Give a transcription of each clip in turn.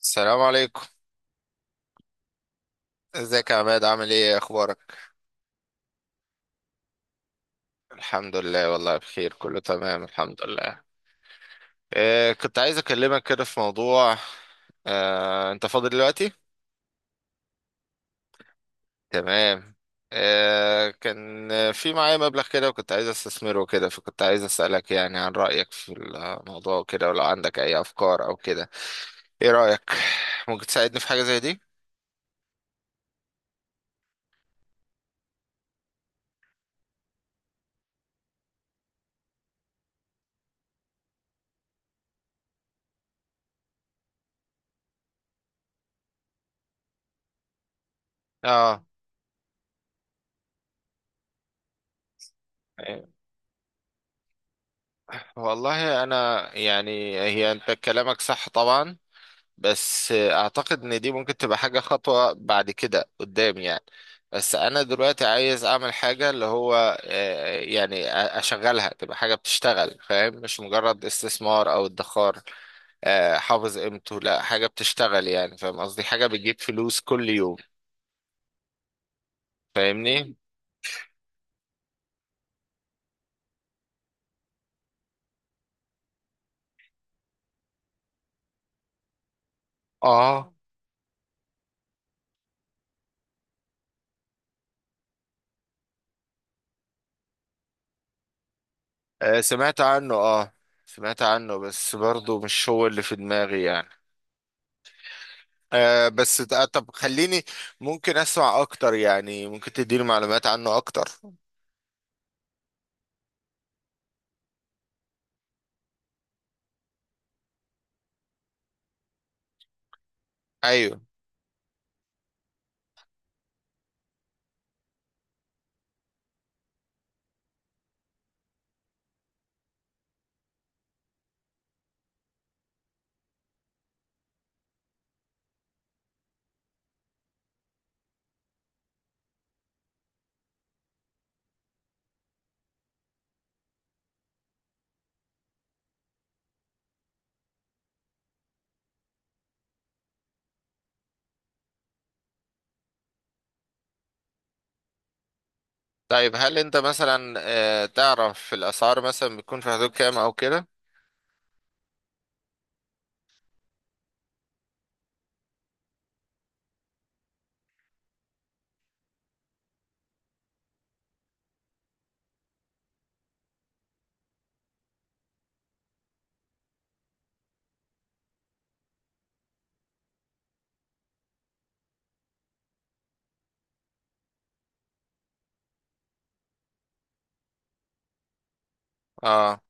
السلام عليكم. ازيك يا عماد؟ عامل ايه؟ اخبارك؟ الحمد لله، والله بخير، كله تمام الحمد لله. إيه، كنت عايز اكلمك كده في موضوع. انت فاضي دلوقتي؟ تمام. كان في معايا مبلغ كده، وكنت عايز استثمره كده، فكنت عايز اسالك يعني عن رايك في الموضوع وكده، ولو عندك اي افكار او كده. ايه رايك؟ ممكن تساعدني في حاجه زي دي؟ اه. والله انا يعني، هي انت كلامك صح طبعا، بس اعتقد ان دي ممكن تبقى حاجة خطوة بعد كده قدام يعني. بس انا دلوقتي عايز اعمل حاجة اللي هو يعني اشغلها، تبقى حاجة بتشتغل، فاهم؟ مش مجرد استثمار او ادخار. حافظ قيمته، لا، حاجة بتشتغل يعني، فاهم قصدي؟ حاجة بتجيب فلوس كل يوم، فاهمني؟ اه. سمعت عنه، اه. سمعت عنه، بس برضو مش هو اللي في دماغي يعني. بس طب خليني، ممكن اسمع اكتر يعني؟ ممكن تديني معلومات عنه اكتر؟ ايوه. طيب هل انت مثلا تعرف الاسعار مثلا بتكون في حدود كام او كده؟ اه.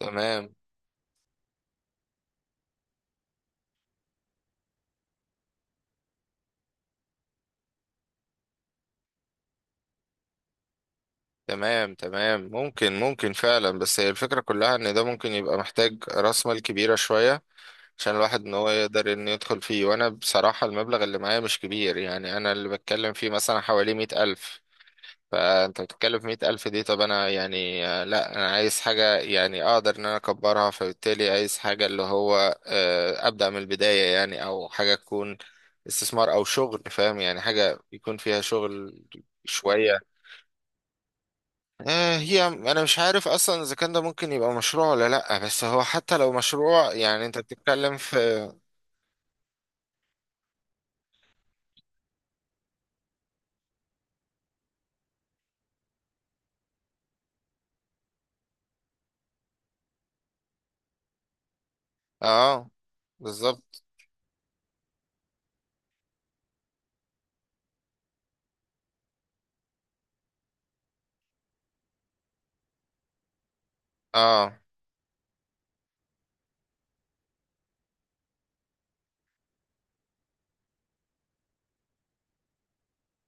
تمام تمام. تمام ممكن ممكن فعلا، بس هي الفكرة كلها ان ده ممكن يبقى محتاج راس مال كبيرة شوية، عشان الواحد ان هو يقدر ان يدخل فيه. وانا بصراحة المبلغ اللي معايا مش كبير يعني، انا اللي بتكلم فيه مثلا حوالي 100,000. فانت بتتكلم في 100,000 دي، طب انا يعني لا انا عايز حاجة يعني اقدر ان انا اكبرها، فبالتالي عايز حاجة اللي هو ابدأ من البداية يعني، او حاجة تكون استثمار او شغل، فاهم يعني؟ حاجة يكون فيها شغل شوية. هي انا مش عارف اصلا اذا كان ده ممكن يبقى مشروع ولا لا، بس هو حتى لو مشروع يعني انت بتتكلم في. اه بالظبط. اه.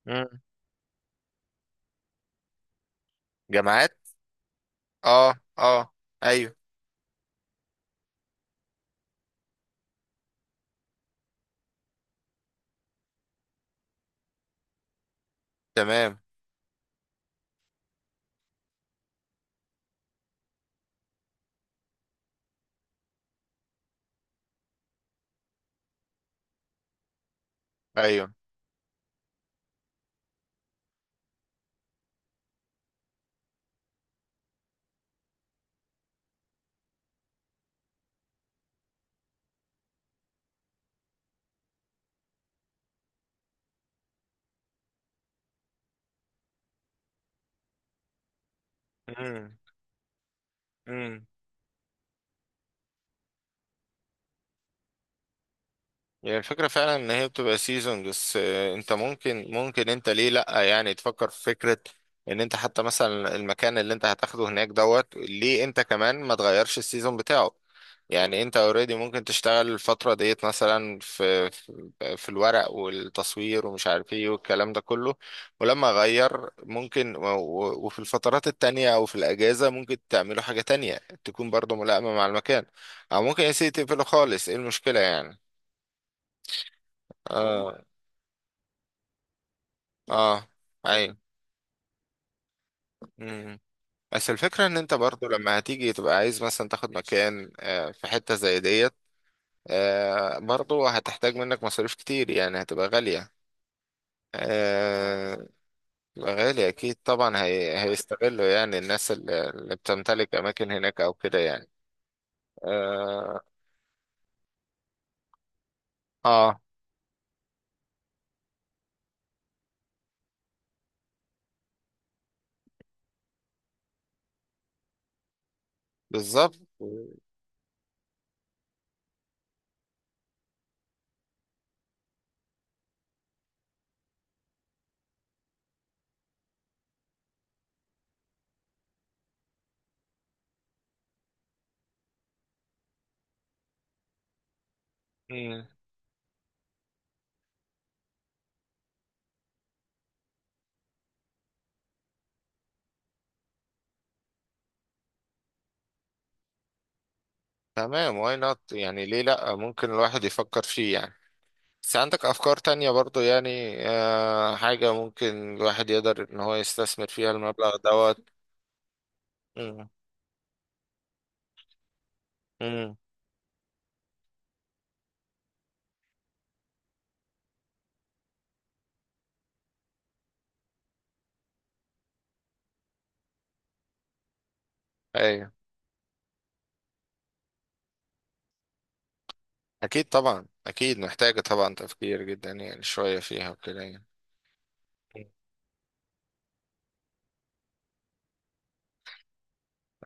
مم. جامعات. اه اه. ايوه. تمام. ايوه. مم. مم. هي الفكرة فعلا ان هي بتبقى سيزون بس. انت ممكن ممكن، انت ليه لأ يعني تفكر في فكرة ان انت حتى مثلا المكان اللي انت هتاخده هناك دوت، ليه انت كمان ما تغيرش السيزون بتاعه؟ يعني انت اوريدي ممكن تشتغل الفترة ديت مثلا في الورق والتصوير ومش عارف ايه والكلام ده كله. ولما اغير ممكن وفي الفترات التانية او في الاجازة ممكن تعملوا حاجة تانية تكون برضو ملائمة مع المكان، او ممكن يا سيدي تقفله خالص، ايه المشكلة يعني؟ اه. اه. ايوه. مم. بس الفكرة ان انت برضو لما هتيجي تبقى عايز مثلا تاخد مكان في حتة زي ديت، برضو هتحتاج منك مصاريف كتير يعني، هتبقى غالية. آه. هتبقى غالية اكيد طبعا. هيستغلوا يعني الناس اللي بتمتلك اماكن هناك او كده يعني. اه. آه. بالظبط. مم. تمام. واي نوت يعني، ليه لا؟ ممكن الواحد يفكر فيه يعني، بس عندك أفكار تانية برضو يعني، آه، حاجة ممكن الواحد يقدر إن هو يستثمر فيها المبلغ دوت. مم. مم. أيوة. أكيد طبعا، أكيد محتاجة طبعا تفكير جدا يعني، شوية فيها وكده يعني.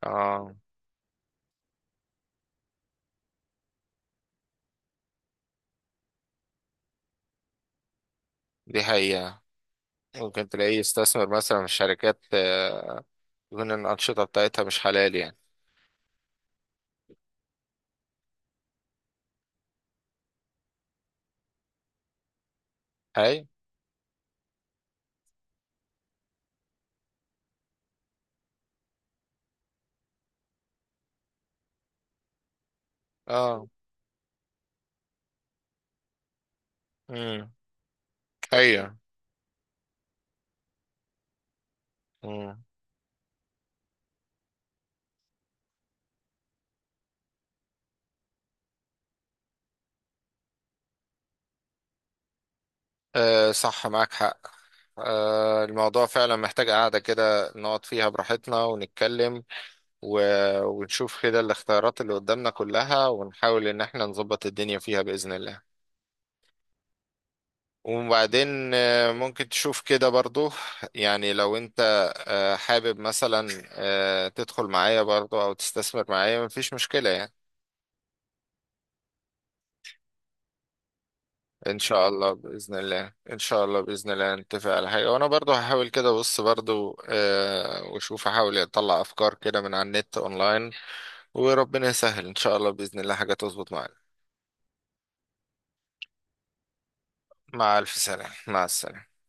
آه. دي حقيقة. ممكن تلاقيه يستثمر مثلا في شركات يكون الأنشطة بتاعتها مش حلال يعني. هاي. آه. مم. أيوة. مم. آه صح، معاك حق. الموضوع فعلا محتاج قعدة كده نقعد فيها براحتنا ونتكلم، و- ونشوف كده الاختيارات اللي قدامنا كلها، ونحاول ان احنا نظبط الدنيا فيها بإذن الله. وبعدين ممكن تشوف كده برضو، يعني لو انت حابب مثلا تدخل معايا برضو او تستثمر معايا، مفيش مشكلة يعني. ان شاء الله باذن الله، ان شاء الله باذن الله نتفق على حاجه. وانا برضو هحاول كده، بص برضو واشوف، احاول اطلع افكار كده من على النت اونلاين. وربنا يسهل ان شاء الله باذن الله حاجه تظبط معانا. مع الف سلامه، مع السلامه.